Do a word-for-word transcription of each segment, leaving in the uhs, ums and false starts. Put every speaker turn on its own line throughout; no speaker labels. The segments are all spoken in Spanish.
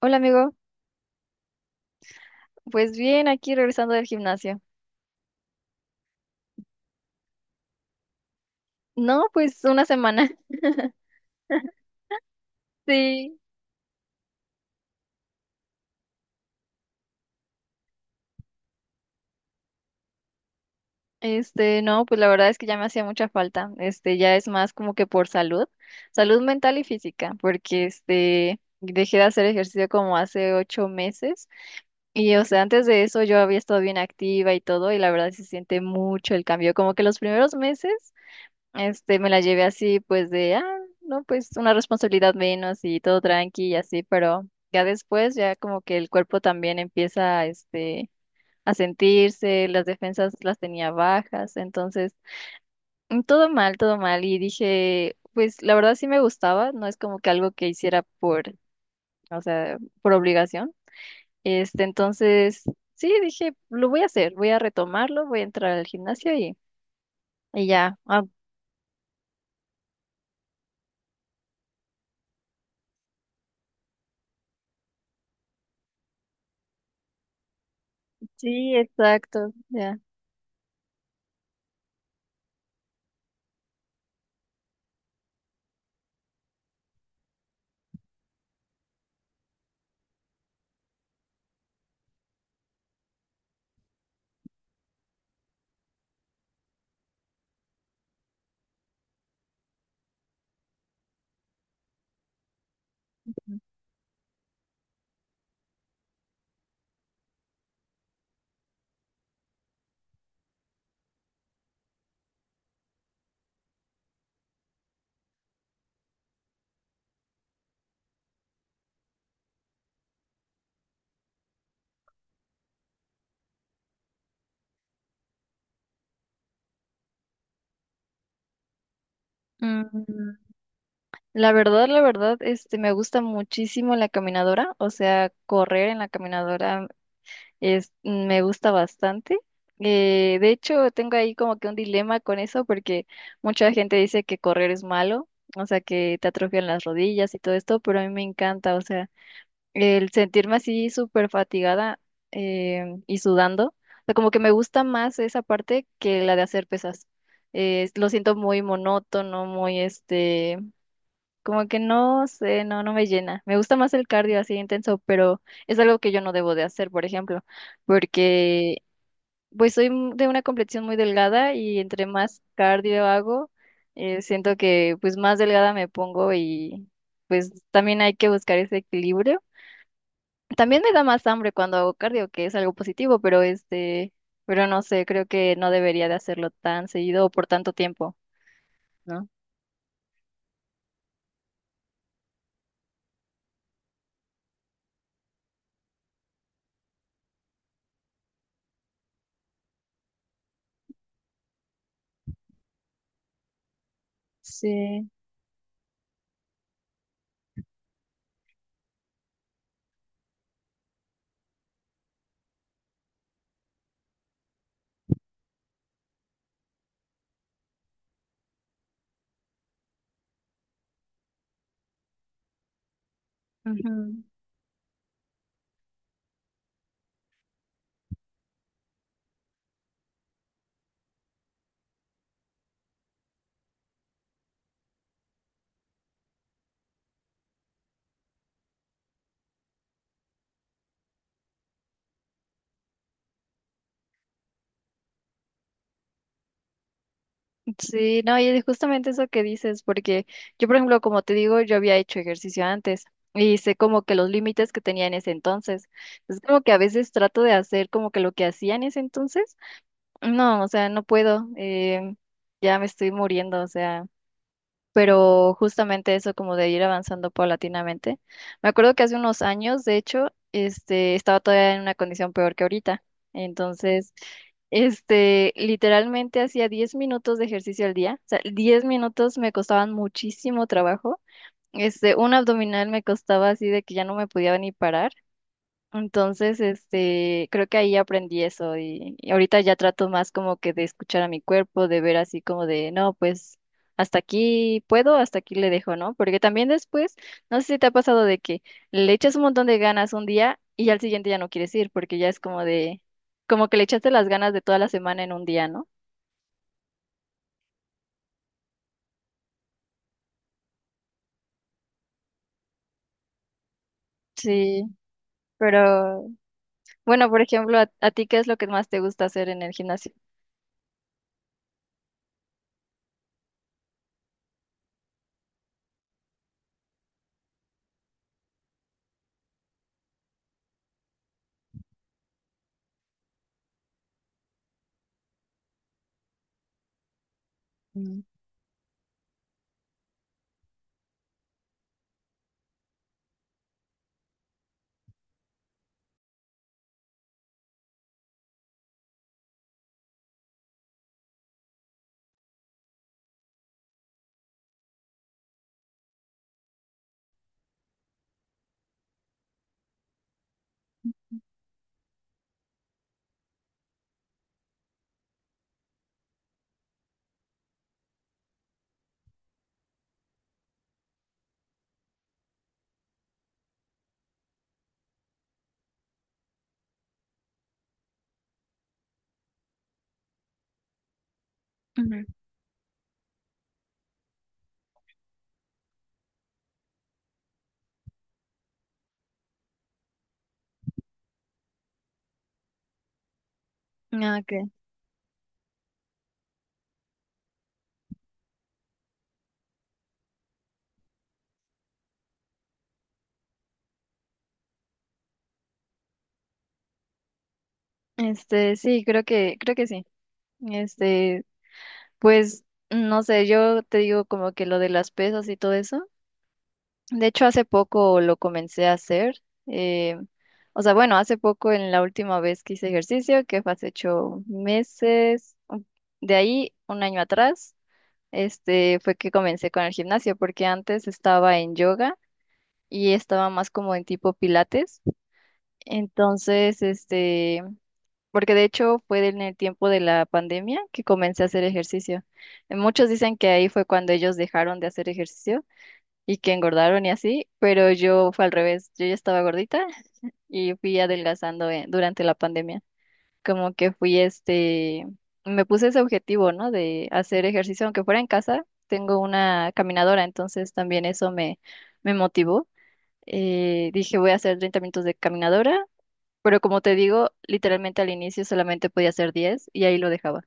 Hola amigo, pues bien, aquí regresando del gimnasio. No, pues una semana. Sí, este, no, pues la verdad es que ya me hacía mucha falta. Este, ya es más como que por salud, salud mental y física, porque este, dejé de hacer ejercicio como hace ocho meses. Y o sea, antes de eso yo había estado bien activa y todo, y la verdad sí se siente mucho el cambio, como que los primeros meses. Este, me la llevé así, pues de, ah, no, pues una responsabilidad menos y todo tranqui y así, pero ya después, ya como que el cuerpo también empieza, este, a sentirse, las defensas las tenía bajas, entonces, mm, todo mal, todo mal, y dije, pues la verdad sí me gustaba, no es como que algo que hiciera por, o sea, por obligación, este, entonces, sí, dije, lo voy a hacer, voy a retomarlo, voy a entrar al gimnasio y, y ya. Ah, sí, exacto, ya. Mm, la verdad, la verdad, este, me gusta muchísimo la caminadora, o sea, correr en la caminadora es, me gusta bastante. Eh, de hecho, tengo ahí como que un dilema con eso porque mucha gente dice que correr es malo, o sea, que te atrofian las rodillas y todo esto, pero a mí me encanta, o sea, el sentirme así súper fatigada, eh, y sudando, o sea, como que me gusta más esa parte que la de hacer pesas. Eh, lo siento muy monótono, muy este como que no sé, no, no me llena. Me gusta más el cardio así intenso, pero es algo que yo no debo de hacer, por ejemplo, porque pues soy m- de una complexión muy delgada y entre más cardio hago, eh, siento que pues más delgada me pongo, y pues también hay que buscar ese equilibrio. También me da más hambre cuando hago cardio, que es algo positivo, pero este, pero no sé, creo que no debería de hacerlo tan seguido o por tanto tiempo, ¿no? Sí. Ujú. Sí, no, y es justamente eso que dices, porque yo, por ejemplo, como te digo, yo había hecho ejercicio antes y sé como que los límites que tenía en ese entonces. Es como que a veces trato de hacer como que lo que hacía en ese entonces. No, o sea, no puedo. Eh, ya me estoy muriendo, o sea, pero justamente eso como de ir avanzando paulatinamente. Me acuerdo que hace unos años, de hecho, este, estaba todavía en una condición peor que ahorita. Entonces, este, literalmente hacía diez minutos de ejercicio al día. O sea, diez minutos me costaban muchísimo trabajo. Este, un abdominal me costaba así de que ya no me podía ni parar. Entonces, este, creo que ahí aprendí eso, y, y ahorita ya trato más como que de escuchar a mi cuerpo, de ver así como de, no, pues hasta aquí puedo, hasta aquí le dejo, ¿no? Porque también después, no sé si te ha pasado de que le echas un montón de ganas un día y al siguiente ya no quieres ir porque ya es como de, como que le echaste las ganas de toda la semana en un día, ¿no? Sí, pero bueno, por ejemplo, ¿a, a ti qué es lo que más te gusta hacer en el gimnasio? Mm. Ujú. Ah, ok. Este, sí, creo que, creo que sí. Este, pues no sé, yo te digo como que lo de las pesas y todo eso. De hecho, hace poco lo comencé a hacer. eh, o sea, bueno, hace poco en la última vez que hice ejercicio, que fue hace ocho meses, u- de ahí un año atrás, este, fue que comencé con el gimnasio, porque antes estaba en yoga y estaba más como en tipo pilates. Entonces, este porque de hecho fue en el tiempo de la pandemia que comencé a hacer ejercicio. Eh, Muchos dicen que ahí fue cuando ellos dejaron de hacer ejercicio y que engordaron y así, pero yo fue al revés. Yo ya estaba gordita y fui adelgazando, eh, durante la pandemia. Como que fui este, me puse ese objetivo, ¿no? De hacer ejercicio, aunque fuera en casa, tengo una caminadora, entonces también eso me, me motivó. Eh, dije, voy a hacer treinta minutos de caminadora, pero como te digo, literalmente al inicio solamente podía hacer diez y ahí lo dejaba.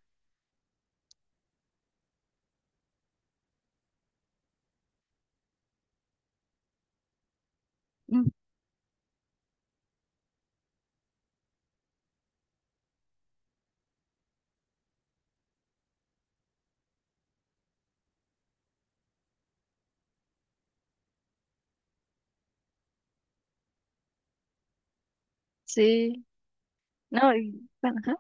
Mm. Sí, no, y, bueno, ajá.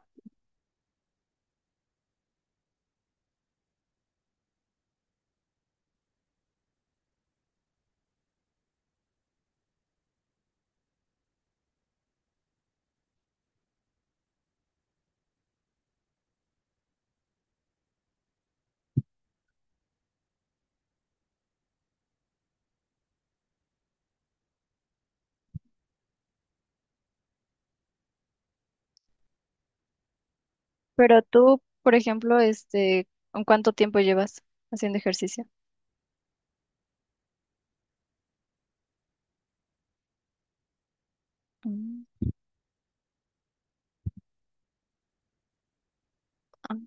Pero tú, por ejemplo, este, ¿en cuánto tiempo llevas haciendo ejercicio? Mm, Ah,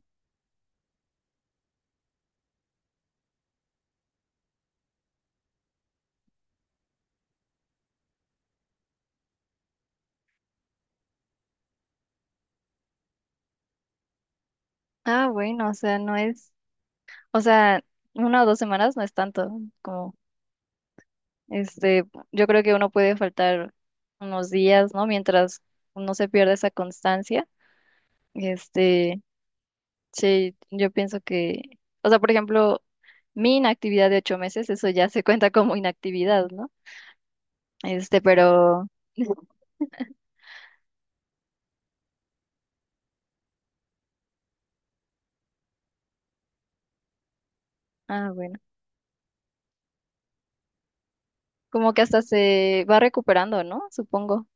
ah, bueno, o sea, no es, o sea, una o dos semanas no es tanto, como, este, yo creo que uno puede faltar unos días, ¿no? Mientras no se pierde esa constancia, este, sí, yo pienso que, o sea, por ejemplo, mi inactividad de ocho meses, eso ya se cuenta como inactividad, ¿no? Este, pero, ah, bueno, como que hasta se va recuperando, ¿no? Supongo.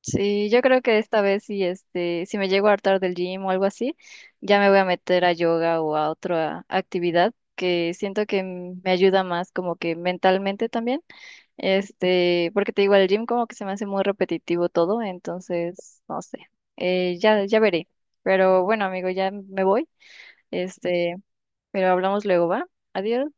Sí, yo creo que esta vez si este, si me llego a hartar del gym o algo así, ya me voy a meter a yoga o a otra actividad que siento que m- me ayuda más como que mentalmente también. Este, porque te digo, al gym como que se me hace muy repetitivo todo, entonces, no sé. Eh, ya, ya veré. Pero bueno, amigo, ya me voy. Este, pero hablamos luego, ¿va? Adiós.